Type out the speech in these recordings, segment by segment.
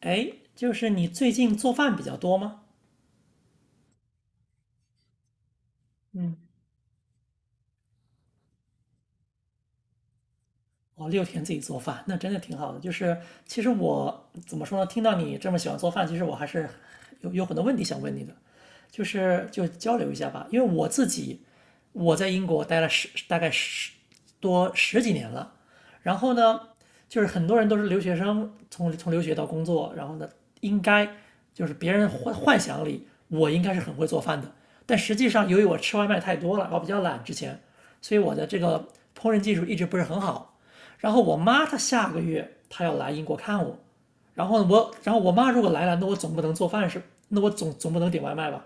哎，就是你最近做饭比较多吗？嗯。哦，六天自己做饭，那真的挺好的。就是其实我怎么说呢？听到你这么喜欢做饭，其实我还是有很多问题想问你的，就交流一下吧。因为我自己我在英国待了大概多十几年了，然后呢，就是很多人都是留学生，从留学到工作，然后呢，应该就是别人幻想里我应该是很会做饭的，但实际上由于我吃外卖太多了，我比较懒之前，所以我的这个烹饪技术一直不是很好。然后我妈她下个月她要来英国看我，然后我妈如果来了，那我总不能点外卖吧，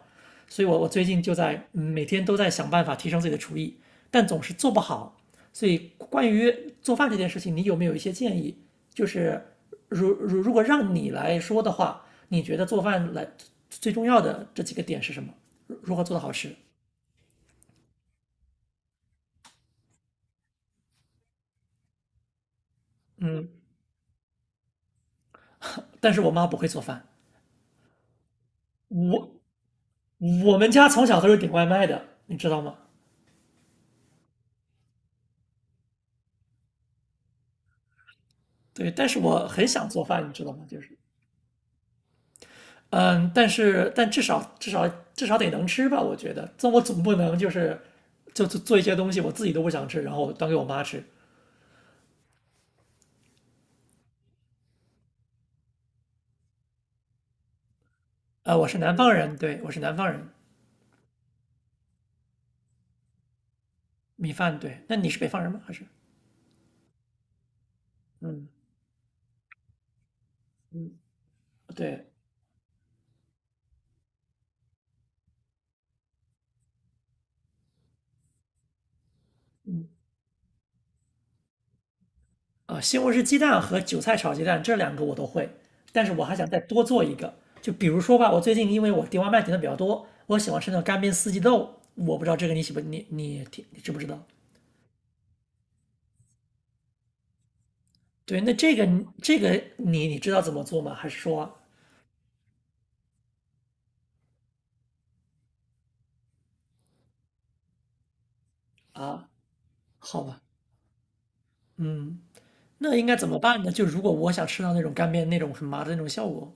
所以我最近就在每天都在想办法提升自己的厨艺，但总是做不好。所以关于做饭这件事情，你有没有一些建议？就是如果让你来说的话，你觉得做饭来最重要的这几个点是什么？如何做的好吃？嗯，但是我妈不会做饭，我我们家从小都是点外卖的，你知道吗？对，但是我很想做饭，你知道吗？就是，嗯，但是但至少得能吃吧，我觉得。这我总不能就是就做一些东西我自己都不想吃，然后端给我妈吃。啊，我是南方人，对，我是南方人，米饭，对。那你是北方人吗？还是？嗯嗯，对，啊，西红柿鸡蛋和韭菜炒鸡蛋这两个我都会，但是我还想再多做一个。就比如说吧，我最近因为我点外卖点的比较多，我喜欢吃那种干煸四季豆，我不知道这个你喜不你你你你知不知道？对，那这个你你知道怎么做吗？还是说啊，好吧，嗯，那应该怎么办呢？就如果我想吃到那种干煸那种很麻的那种效果，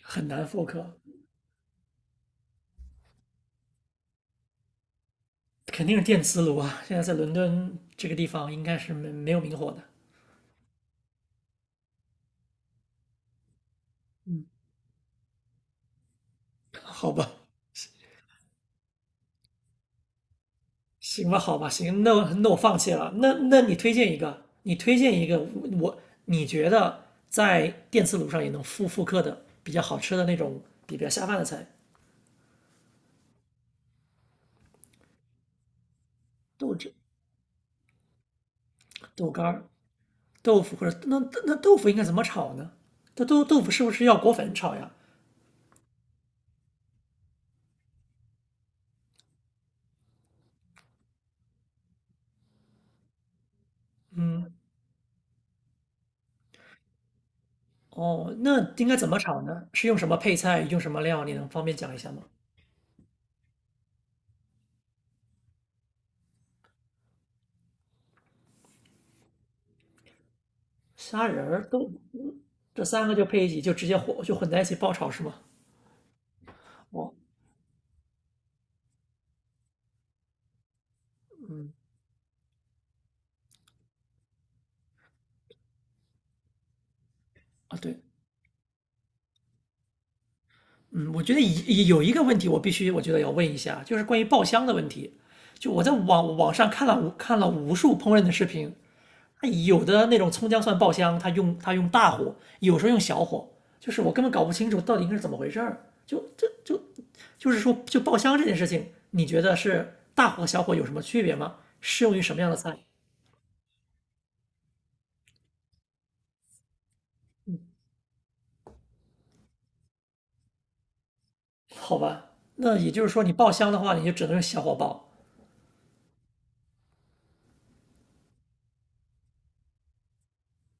很难复刻，肯定是电磁炉啊。现在在伦敦这个地方应该是没有明火的，好吧。行吧，好吧，行，那我放弃了。那你推荐一个，你推荐一个，我你觉得在电磁炉上也能复刻的比较好吃的那种比较下饭的菜，豆汁、豆干儿、豆腐或者那豆腐应该怎么炒呢？那豆腐是不是要裹粉炒呀？哦，那应该怎么炒呢？是用什么配菜，用什么料？你能方便讲一下吗？虾仁儿、豆腐，这三个就配一起，就直接混在一起爆炒是吗？哦啊，对，嗯，我觉得有一个问题，我必须我觉得要问一下，就是关于爆香的问题。就我在网上看了无数烹饪的视频，那有的那种葱姜蒜爆香，它用大火，有时候用小火，就是我根本搞不清楚到底应该是怎么回事儿。就是说，就爆香这件事情，你觉得是大火和小火有什么区别吗？适用于什么样的菜？好吧，那也就是说，你爆香的话，你就只能用小火爆。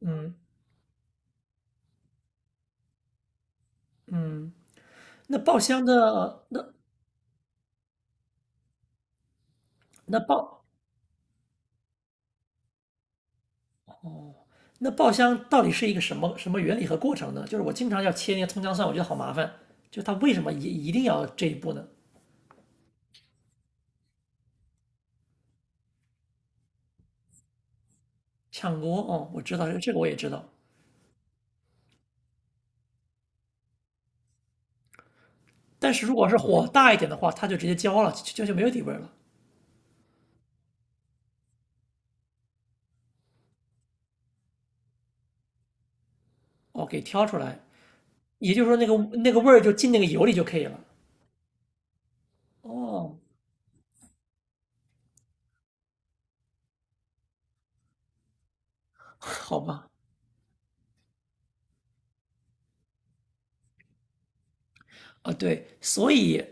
嗯，那爆香的那那爆那爆香到底是一个什么什么原理和过程呢？就是我经常要切那些葱姜蒜，我觉得好麻烦。就它为什么一定要这一步呢？炝锅哦，我知道这个我也知道。但是如果是火大一点的话，它就直接焦了，就没有底味了。哦，给挑出来，也就是说那个味儿就进那个油里就可以了。哦，好吧，啊对，所以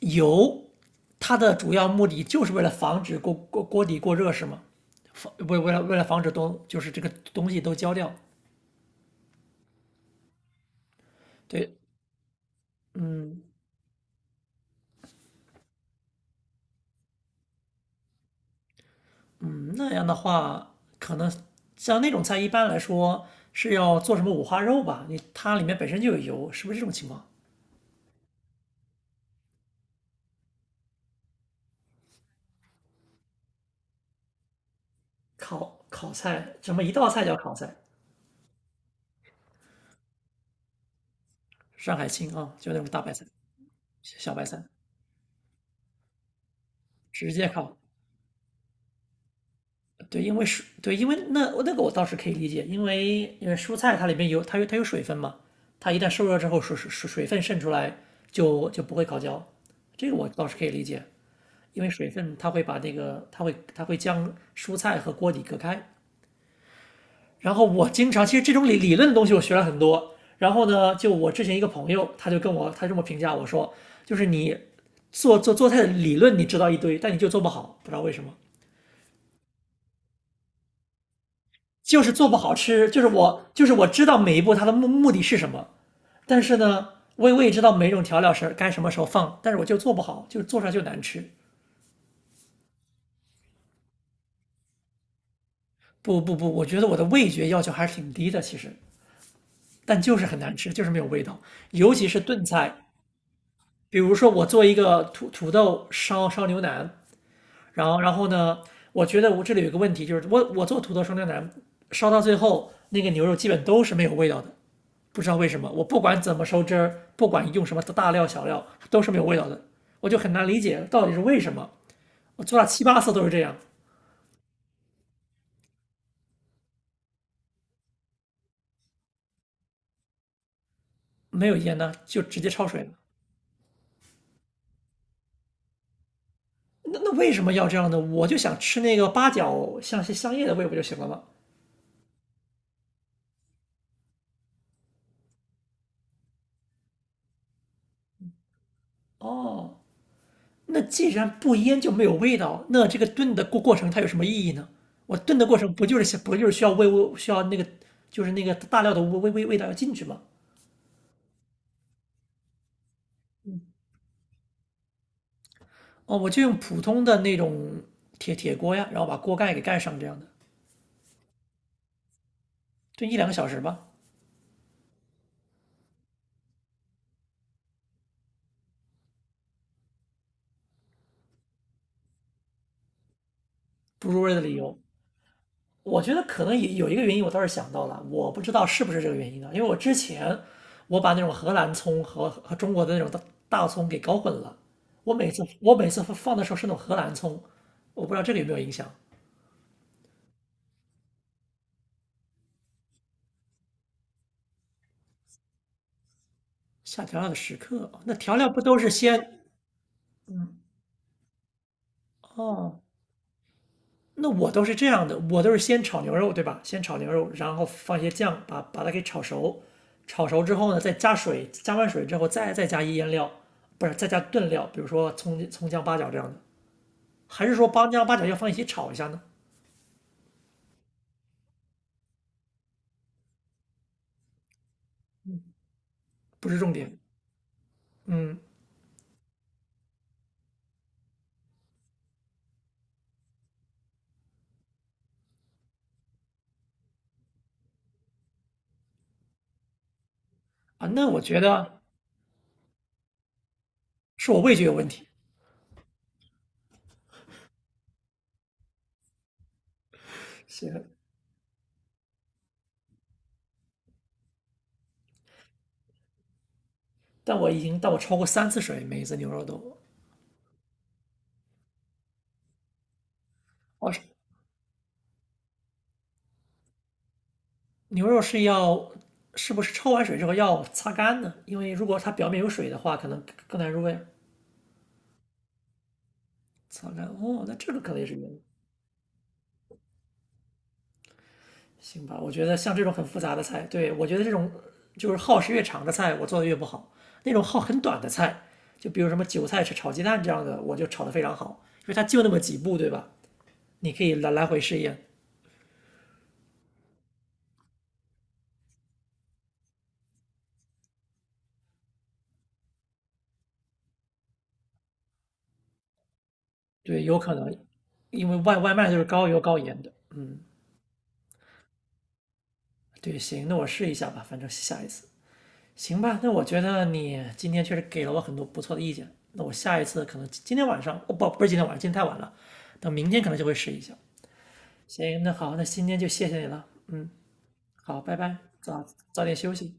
油它的主要目的就是为了防止锅底过热是吗？为了防止东就是这个东西都焦掉。对，嗯，那样的话，可能像那种菜一般来说是要做什么五花肉吧？它里面本身就有油，是不是这种情况？烤菜，什么一道菜叫烤菜？上海青啊，就那种大白菜、小白菜，直接烤。对，因为是，对，因为那那个我倒是可以理解，因为因为蔬菜它里面有它有它有水分嘛，它一旦受热之后水分渗出来就不会烤焦，这个我倒是可以理解，因为水分它会把那个它会它会将蔬菜和锅底隔开。然后我经常，其实这种理论的东西我学了很多。然后呢，就我之前一个朋友，他这么评价我说，就是你做菜的理论你知道一堆，但你就做不好，不知道为什么，就是做不好吃。就是我知道每一步它的目的是什么，但是呢，我也知道每一种调料是该什么时候放，但是我就做不好，就做出来就难吃。不，我觉得我的味觉要求还是挺低的，其实，但就是很难吃，就是没有味道，尤其是炖菜，比如说，我做一个土豆烧牛腩，然后呢，我觉得我这里有一个问题，就是我做土豆烧牛腩，烧到最后那个牛肉基本都是没有味道的，不知道为什么。我不管怎么收汁儿，不管用什么大料小料，都是没有味道的，我就很难理解到底是为什么。我做了七八次都是这样，没有盐呢就直接焯水了。那为什么要这样呢？我就想吃那个八角香叶的味不就行了吗？哦，那既然不腌就没有味道，那这个炖的过程它有什么意义呢？我炖的过程不就是需要味需要那个就是那个大料的味道要进去吗？哦，我就用普通的那种铁锅呀，然后把锅盖给盖上这样的，炖一两个小时吧。不入味的理由，我觉得可能也有一个原因，我倒是想到了，我不知道是不是这个原因呢？因为我之前我把那种荷兰葱和中国的那种大葱给搞混了，我每次放的时候是那种荷兰葱，我不知道这个有没有影响。下调料的时刻啊，哦那调料不都是先哦？那我都是这样的，我都是先炒牛肉，对吧？先炒牛肉，然后放一些酱，把它给炒熟。炒熟之后呢，再加水，加完水之后再加一腌料，不是再加炖料，比如说葱姜八角这样的，还是说八姜八角要放一起炒一下呢？不是重点。嗯啊，那我觉得是我味觉有问题。行，但我已经但我超过三次水，每一次牛肉都，哦，是牛肉是要是不是焯完水之后要擦干呢？因为如果它表面有水的话，可能更难入味。擦干哦，那这个可能也是原因。行吧，我觉得像这种很复杂的菜，对，我觉得这种就是耗时越长的菜，我做的越不好。那种耗很短的菜，就比如什么韭菜炒鸡蛋这样的，我就炒得非常好，因为它就那么几步，对吧？你可以来回试验。对，有可能，因为外卖就是高油高盐的。嗯，对，行，那我试一下吧，反正下一次。行吧，那我觉得你今天确实给了我很多不错的意见。那我下一次可能今天晚上，哦不，不是今天晚上，今天太晚了，等明天可能就会试一下。行，那好，那今天就谢谢你了。嗯，好，拜拜，早早点休息。